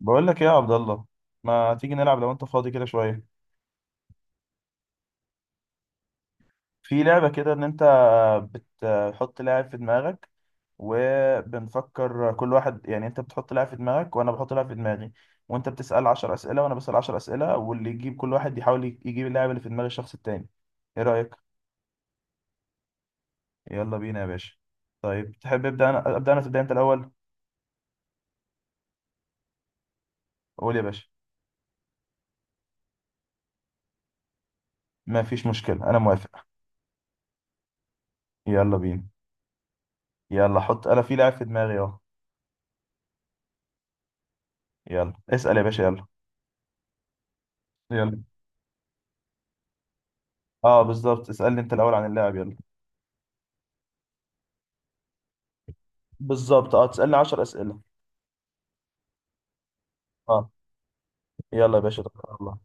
بقول لك ايه يا عبد الله؟ ما تيجي نلعب لو انت فاضي كده شويه؟ في لعبه كده ان انت بتحط لاعب في دماغك، وبنفكر كل واحد، يعني انت بتحط لاعب في دماغك وانا بحط لاعب في دماغي، وانت بتسال 10 اسئله وانا بسال 10 اسئله، واللي يجيب كل واحد يحاول يجيب اللاعب اللي في دماغ الشخص التاني. ايه رايك؟ يلا بينا يا باشا. طيب تحب ابدا انا ابدا انا تبدا انت الاول؟ قول يا باشا. ما فيش مشكله، انا موافق. يلا بينا. يلا حط انا في لاعب في دماغي اهو. يلا اسال يا باشا يلا. يلا. اه بالظبط، اسألني انت الأول عن اللاعب يلا. بالظبط، اه، تسألني 10 أسئلة. اه. يلا يا باشا تبارك الله.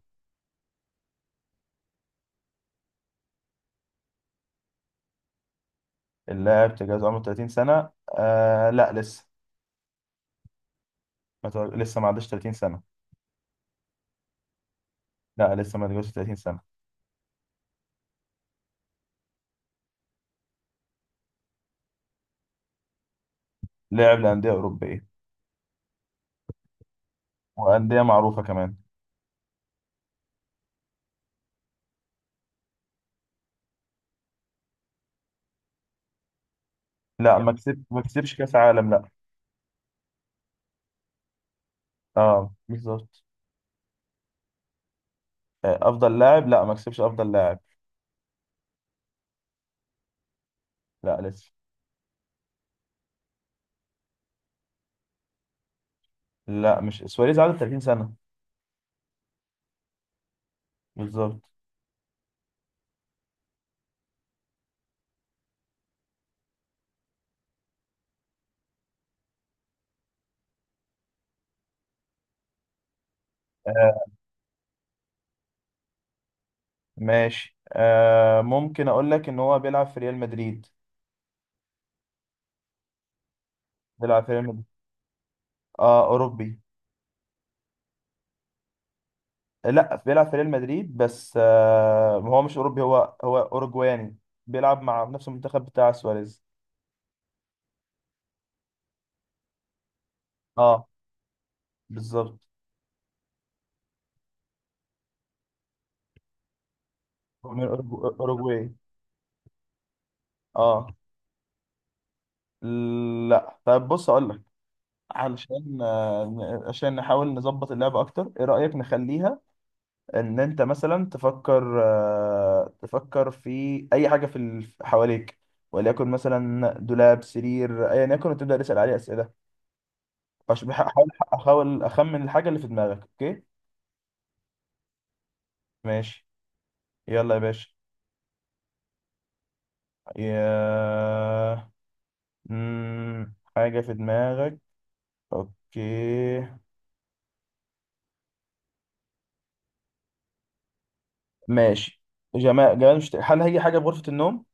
اللاعب تجاوز عمره 30 سنة؟ آه لا لسه. ما تع- لسه ما عداش 30 سنة. لا لسه ما تجاوزش 30 سنة. لاعب لأندية أوروبية، وأندية معروفة كمان. لا، ما كسب، ما كسبش كأس عالم، لا. اه بالظبط. آه أفضل لاعب، لا ما كسبش أفضل لاعب. لا لسه. لا مش سواريز، عدى 30 سنة. بالظبط. آه ماشي. ممكن أقول لك إن هو بيلعب في ريال مدريد. بيلعب في ريال مدريد. اه اوروبي. لا، بيلعب في ريال مدريد بس هو مش اوروبي، هو اوروجواني. بيلعب مع نفس المنتخب بتاع سواريز. اه بالظبط. هو من أورجو- اوروجواي. اه. لا طيب، بص اقول لك. علشان، عشان نحاول نظبط اللعبة اكتر، ايه رأيك نخليها ان انت مثلا تفكر، تفكر في اي حاجة حواليك، وليكن مثلا دولاب، سرير، ايا يكن، وتبدأ تسأل عليه أسئلة. هحاول احاول اخمن الحاجه اللي في دماغك، اوكي؟ ماشي. يلا يا باشا. يا مم... حاجه في دماغك، اوكي. ماشي. جمال جمال مش، هل هي حاجه في غرفه النوم؟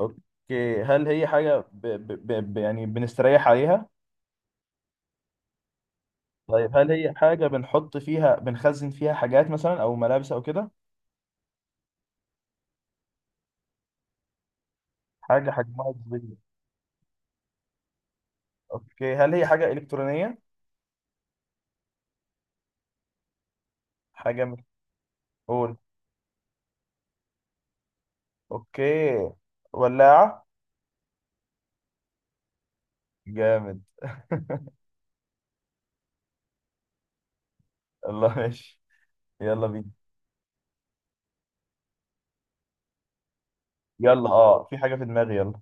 اوكي، هل هي حاجه يعني بنستريح عليها؟ طيب، هل هي حاجه بنحط فيها، بنخزن فيها حاجات مثلا او ملابس او كده؟ حاجه حجمها كبير. اوكي، هل هي حاجه الكترونيه؟ حاجه مش. قول. اوكي. ولاعه. جامد. الله ماشي. يلا بينا. يلا اه، في حاجة في دماغي، يلا.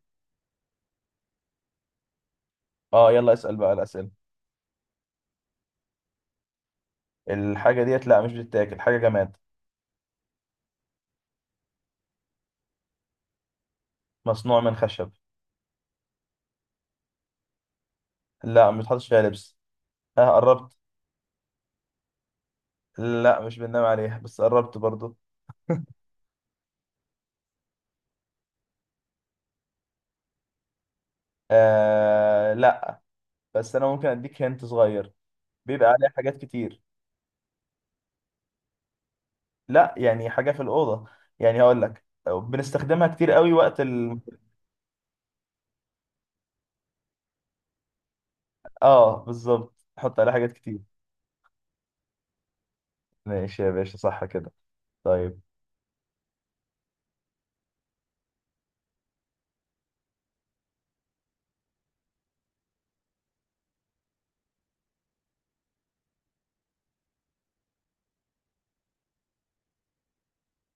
اه، يلا اسأل بقى الأسئلة. الحاجة ديت، لا مش بتتاكل، حاجة جماد. مصنوع من خشب. لا ما بتحطش فيها لبس. اه، قربت. لا مش بننام عليها، بس قربت برضو. آه لا. بس انا ممكن اديك هنت صغير، بيبقى عليها حاجات كتير. لا، يعني حاجة في الأوضة، يعني هقول لك بنستخدمها كتير قوي وقت ال. اه بالظبط، نحط عليها حاجات كتير. ماشي يا باشا، صح كده؟ طيب.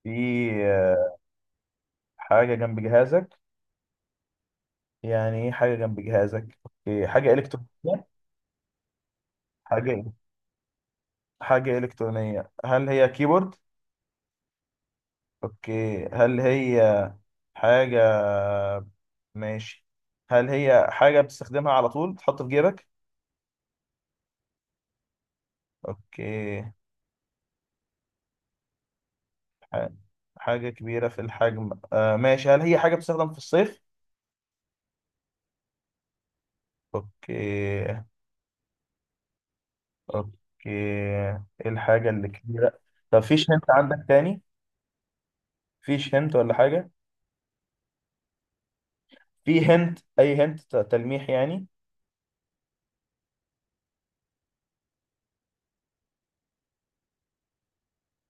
في آه، حاجة جنب جهازك. يعني ايه حاجة جنب جهازك، اوكي، حاجة إلكترونية. حاجة حاجة إلكترونية، هل هي كيبورد؟ اوكي، هل هي حاجة؟ ماشي. هل هي حاجة بتستخدمها على طول، تحط في جيبك؟ اوكي. ح- حاجة كبيرة في الحجم، آه ماشي. هل هي حاجة بتستخدم في الصيف؟ اوكي. اوكي. ايه الحاجة اللي كبيرة؟ طب فيش هنت عندك تاني؟ فيش هنت ولا حاجة؟ في هنت، اي هنت، تلميح يعني.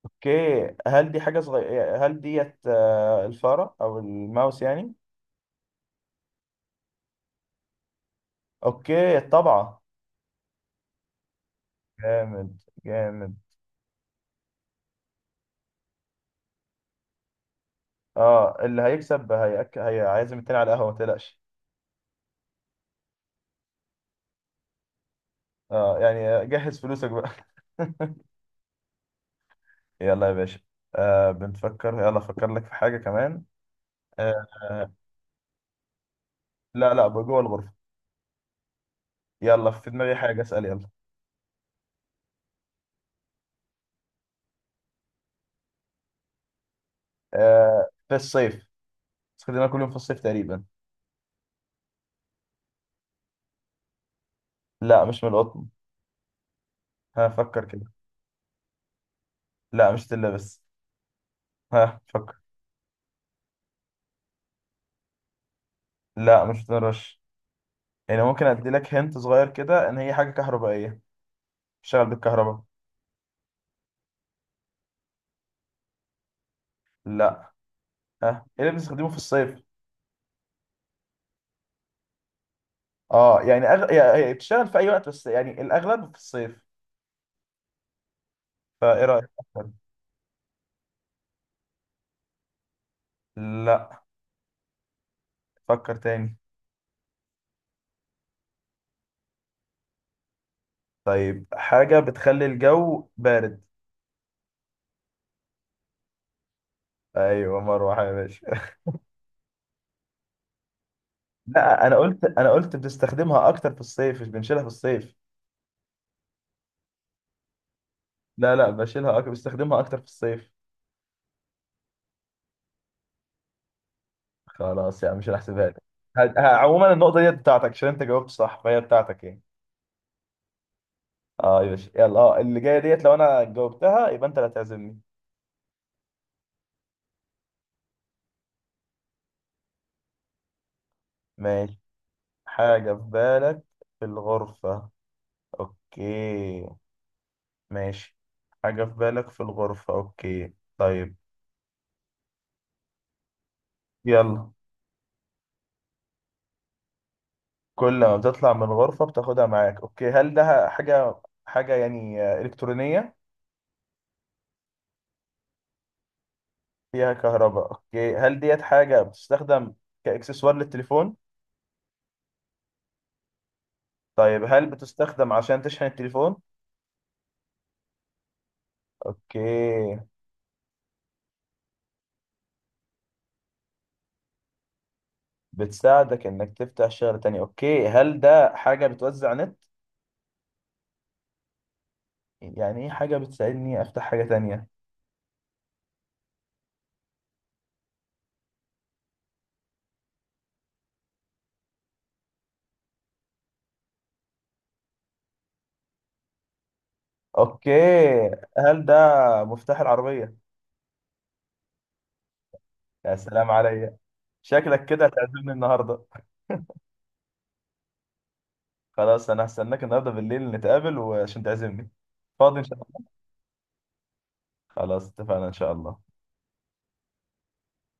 اوكي، هل دي حاجة صغيرة؟ هل ديت الفارة او الماوس يعني؟ اوكي طبعا. جامد. جامد. اه، اللي هيكسب هيعزم التاني على القهوة، ما تقلقش. اه يعني جهز فلوسك بقى. يلا يا باشا. بنفكر، يلا افكر لك في حاجة كمان. آه آه، لا لا، جوه الغرفة. يلا في دماغي حاجة، اسأل يلا. آه في الصيف. استخدمها كل يوم في الصيف تقريبا. لا مش من القطن. هفكر كده. لا مش تلبس. ها فكر. لا مش بتنرش. يعني ممكن ادي لك هنت صغير كده، ان هي حاجه كهربائيه، بتشتغل بالكهرباء. لا. ها. ايه اللي بنستخدمه في الصيف؟ اه يعني يعني بتشتغل في اي وقت، بس يعني الاغلب في الصيف. فايه رايك أكتر؟ لا، فكر تاني. طيب، حاجه بتخلي الجو بارد. ايوه، مروحه يا باشا. لا، انا قلت، بتستخدمها اكتر في الصيف، مش بنشيلها في الصيف. لا لا، بشيلها أكتر، بستخدمها اكتر في الصيف. خلاص، يعني مش هحسبها لك. عموما النقطة دي بتاعتك، عشان انت جاوبت صح فهي بتاعتك يعني. اه يا باشا يلا، اه اللي جايه ديت لو انا جاوبتها يبقى انت اللي هتعزمني. ماشي. حاجه في بالك في الغرفه، اوكي. ماشي. حاجه في بالك في الغرفه، اوكي طيب. يلا. كل ما بتطلع من الغرفه بتاخدها معاك. اوكي، هل ده حاجه، يعني الكترونيه؟ فيها كهرباء. اوكي، هل ديت حاجه بتستخدم كاكسسوار للتليفون؟ طيب، هل بتستخدم عشان تشحن التليفون؟ اوكي. بتساعدك انك تفتح شغل تاني. اوكي، هل ده حاجة بتوزع نت؟ يعني ايه حاجة بتساعدني افتح حاجة تانية؟ اوكي. هل ده مفتاح العربية؟ يا سلام عليا. شكلك كده هتعزمني النهاردة. خلاص، انا هستناك النهاردة بالليل نتقابل وعشان تعزمني. فاضي ان شاء الله. خلاص اتفقنا ان شاء الله.